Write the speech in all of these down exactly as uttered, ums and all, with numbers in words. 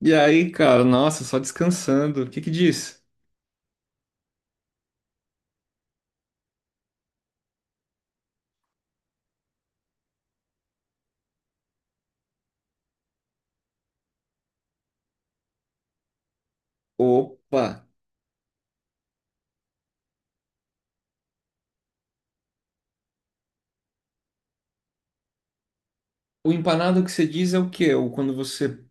E aí, cara, nossa, só descansando. O que que diz? Opa! O empanado que você diz é o quê? O quando você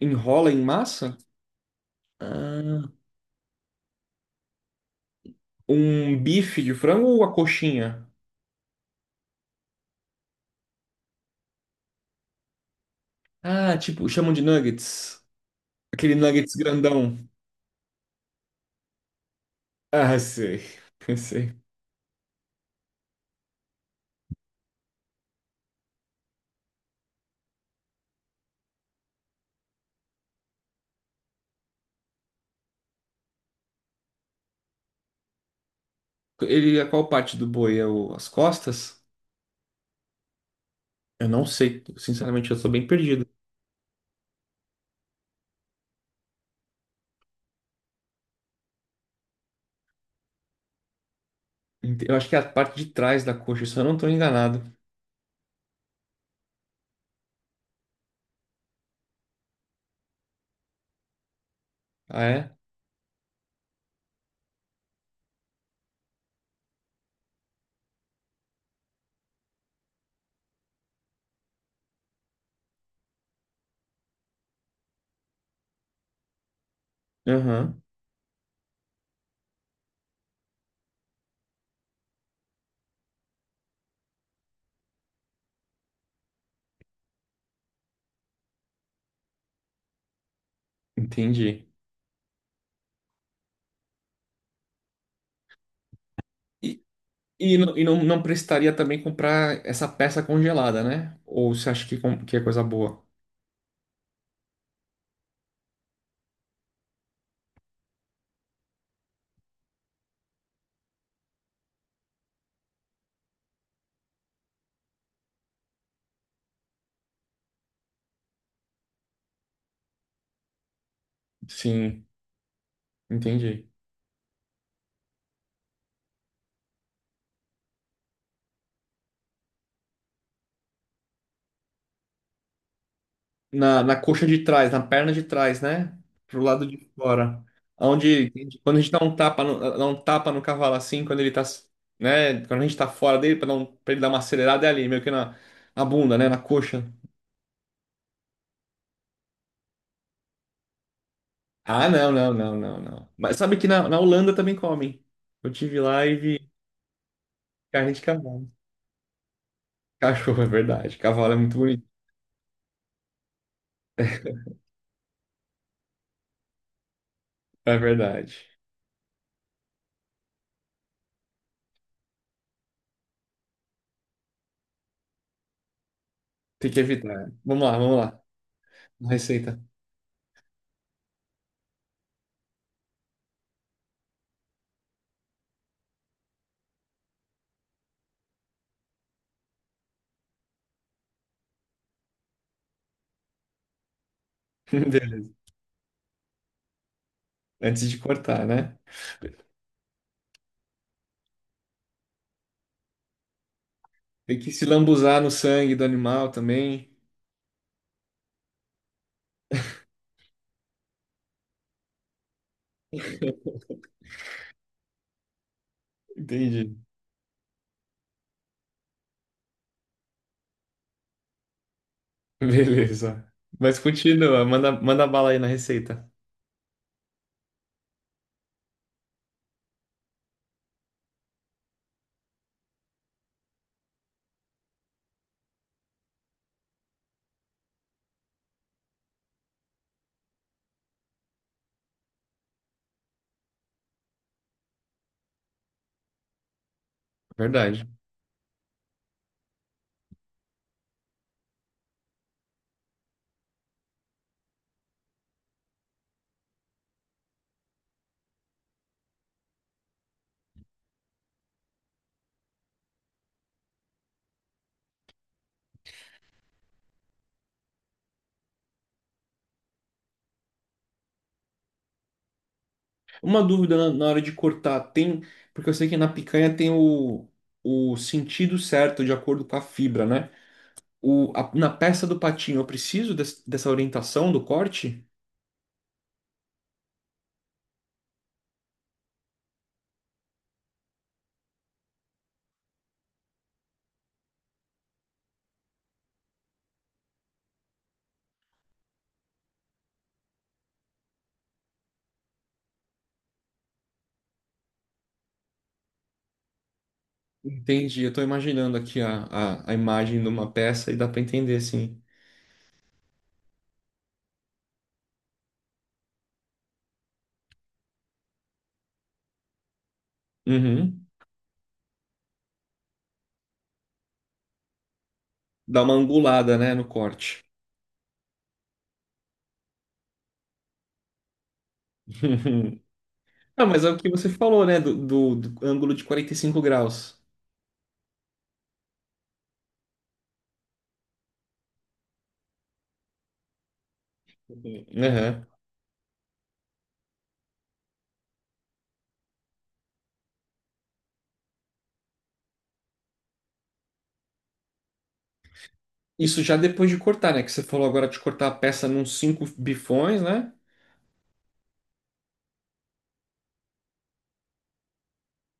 enrola em massa? Ah, um bife de frango ou a coxinha? Ah, tipo, chamam de nuggets. Aquele nuggets grandão. Ah, sei. Sei. Ele é qual parte do boi? É o, as costas? Eu não sei. Sinceramente, eu sou bem perdido. Ent- Eu acho que é a parte de trás da coxa, se eu não tô enganado. Ah, é? Aham, entendi. E, não- e não, não precisaria também comprar essa peça congelada, né? Ou você acha que, com- que é coisa boa? Sim, entendi. Na, na coxa de trás, na perna de trás, né? Pro lado de fora. Onde, quando a gente dá um tapa no, dá um tapa no cavalo assim, quando ele tá, né? Quando a gente tá fora dele, pra, não, pra ele dar uma acelerada, é ali, meio que na, na bunda, né? Na coxa. Ah, não, não, não, não, não. Mas sabe que na, na Holanda também comem. Eu tive lá e vi carne de cavalo. Cachorro, é verdade. Cavalo é muito bonito. É verdade. Tem que evitar, né? Vamos lá, vamos lá. Uma receita. Beleza. Antes de cortar, né? Tem que se lambuzar no sangue do animal também. Entendi. Beleza. Mas continua, manda, manda bala aí na receita. Verdade. Uma dúvida na, na hora de cortar, tem. Porque eu sei que na picanha tem o, o sentido certo de acordo com a fibra, né? O, a- na peça do patinho, eu preciso des- dessa orientação do corte? Entendi, eu tô imaginando aqui a, a, a imagem de uma peça e dá para entender, sim. Uhum. Dá uma angulada, né, no corte. Ah, mas é o que você falou, né, do, do- do ângulo de quarenta e cinco graus. Uhum. Uhum. Isso já depois de cortar, né, que você falou agora de cortar a peça num cinco bifões, né?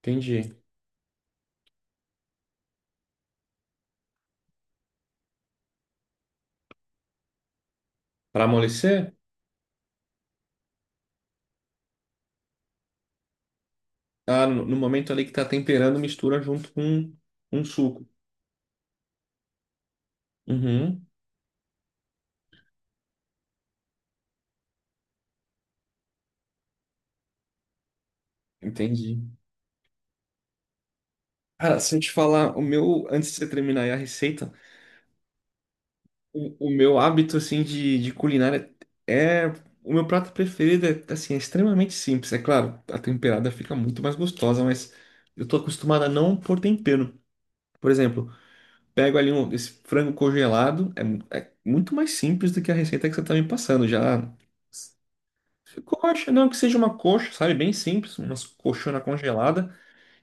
Entendi. Para amolecer? Ah, no, no momento ali que tá temperando, mistura junto com um suco. Uhum. Entendi. Cara, se eu te falar, o meu, antes de você terminar aí a receita. O, o meu hábito, assim, de, de culinária é... O meu prato preferido é, assim, é extremamente simples. É claro, a temperada fica muito mais gostosa, mas eu tô acostumado a não pôr tempero. Por exemplo, pego ali um, esse frango congelado, é, mu- é muito mais simples do que a receita que você tá me passando. Já coxa, não, que seja uma coxa, sabe? Bem simples, uma coxona congelada,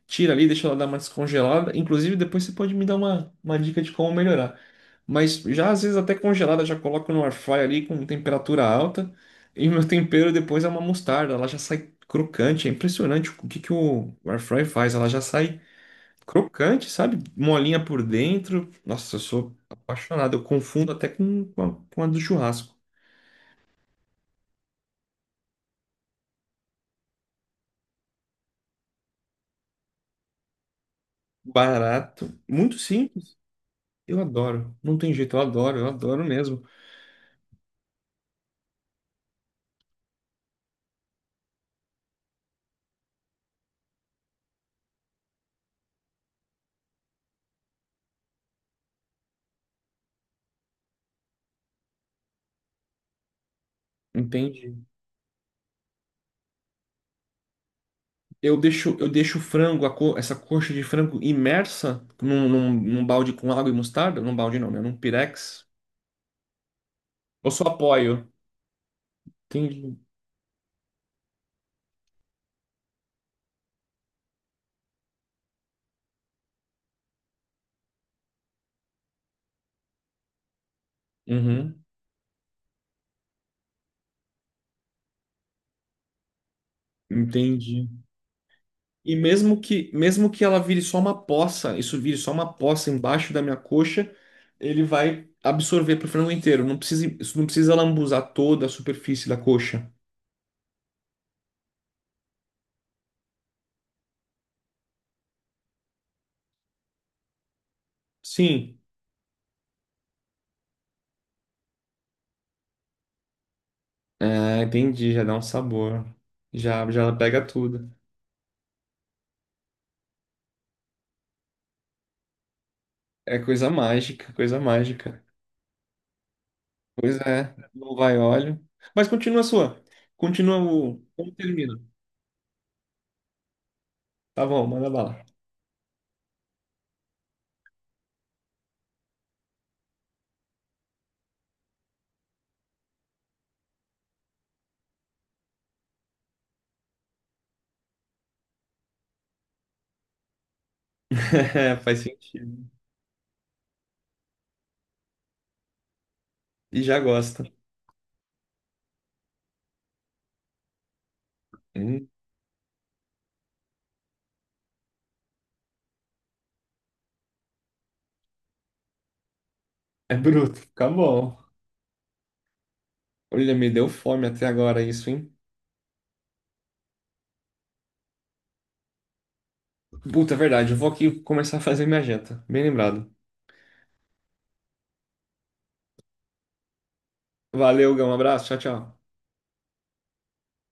tira ali, deixa ela dar uma descongelada. Inclusive, depois você pode me dar uma, uma dica de como melhorar. Mas já às vezes até congelada, já coloco no air fry ali com temperatura alta. E meu tempero depois é uma mostarda, ela já sai crocante. É impressionante o que que o air fry faz. Ela já sai crocante, sabe? Molinha por dentro. Nossa, eu sou apaixonado. Eu confundo até com, com a, com a do churrasco. Barato, muito simples. Eu adoro. Não tem jeito, eu adoro, eu adoro mesmo. Entende? Eu deixo, eu deixo o frango, a co- essa coxa de frango imersa num, num, num balde com água e mostarda? Num balde não, né? Num pirex. Ou só apoio? Entendi. Uhum, entendi. E mesmo que, mesmo que ela vire só uma poça, isso vire só uma poça embaixo da minha coxa, ele vai absorver pro frango inteiro. Não precisa, isso não precisa lambuzar toda a superfície da coxa. Sim. Ah, entendi, já dá um sabor. Já, já ela pega tudo. É coisa mágica, coisa mágica. Pois é, não vai óleo. Mas continua a sua. Continua o. Como termina? Tá bom, manda bala. É, faz sentido. E já gosta. Hum, é bruto, fica bom. Olha, me deu fome até agora isso, hein? Puta, é verdade. Eu vou aqui começar a fazer minha janta. Bem lembrado. Valeu, Gão. Um abraço. Tchau, tchau.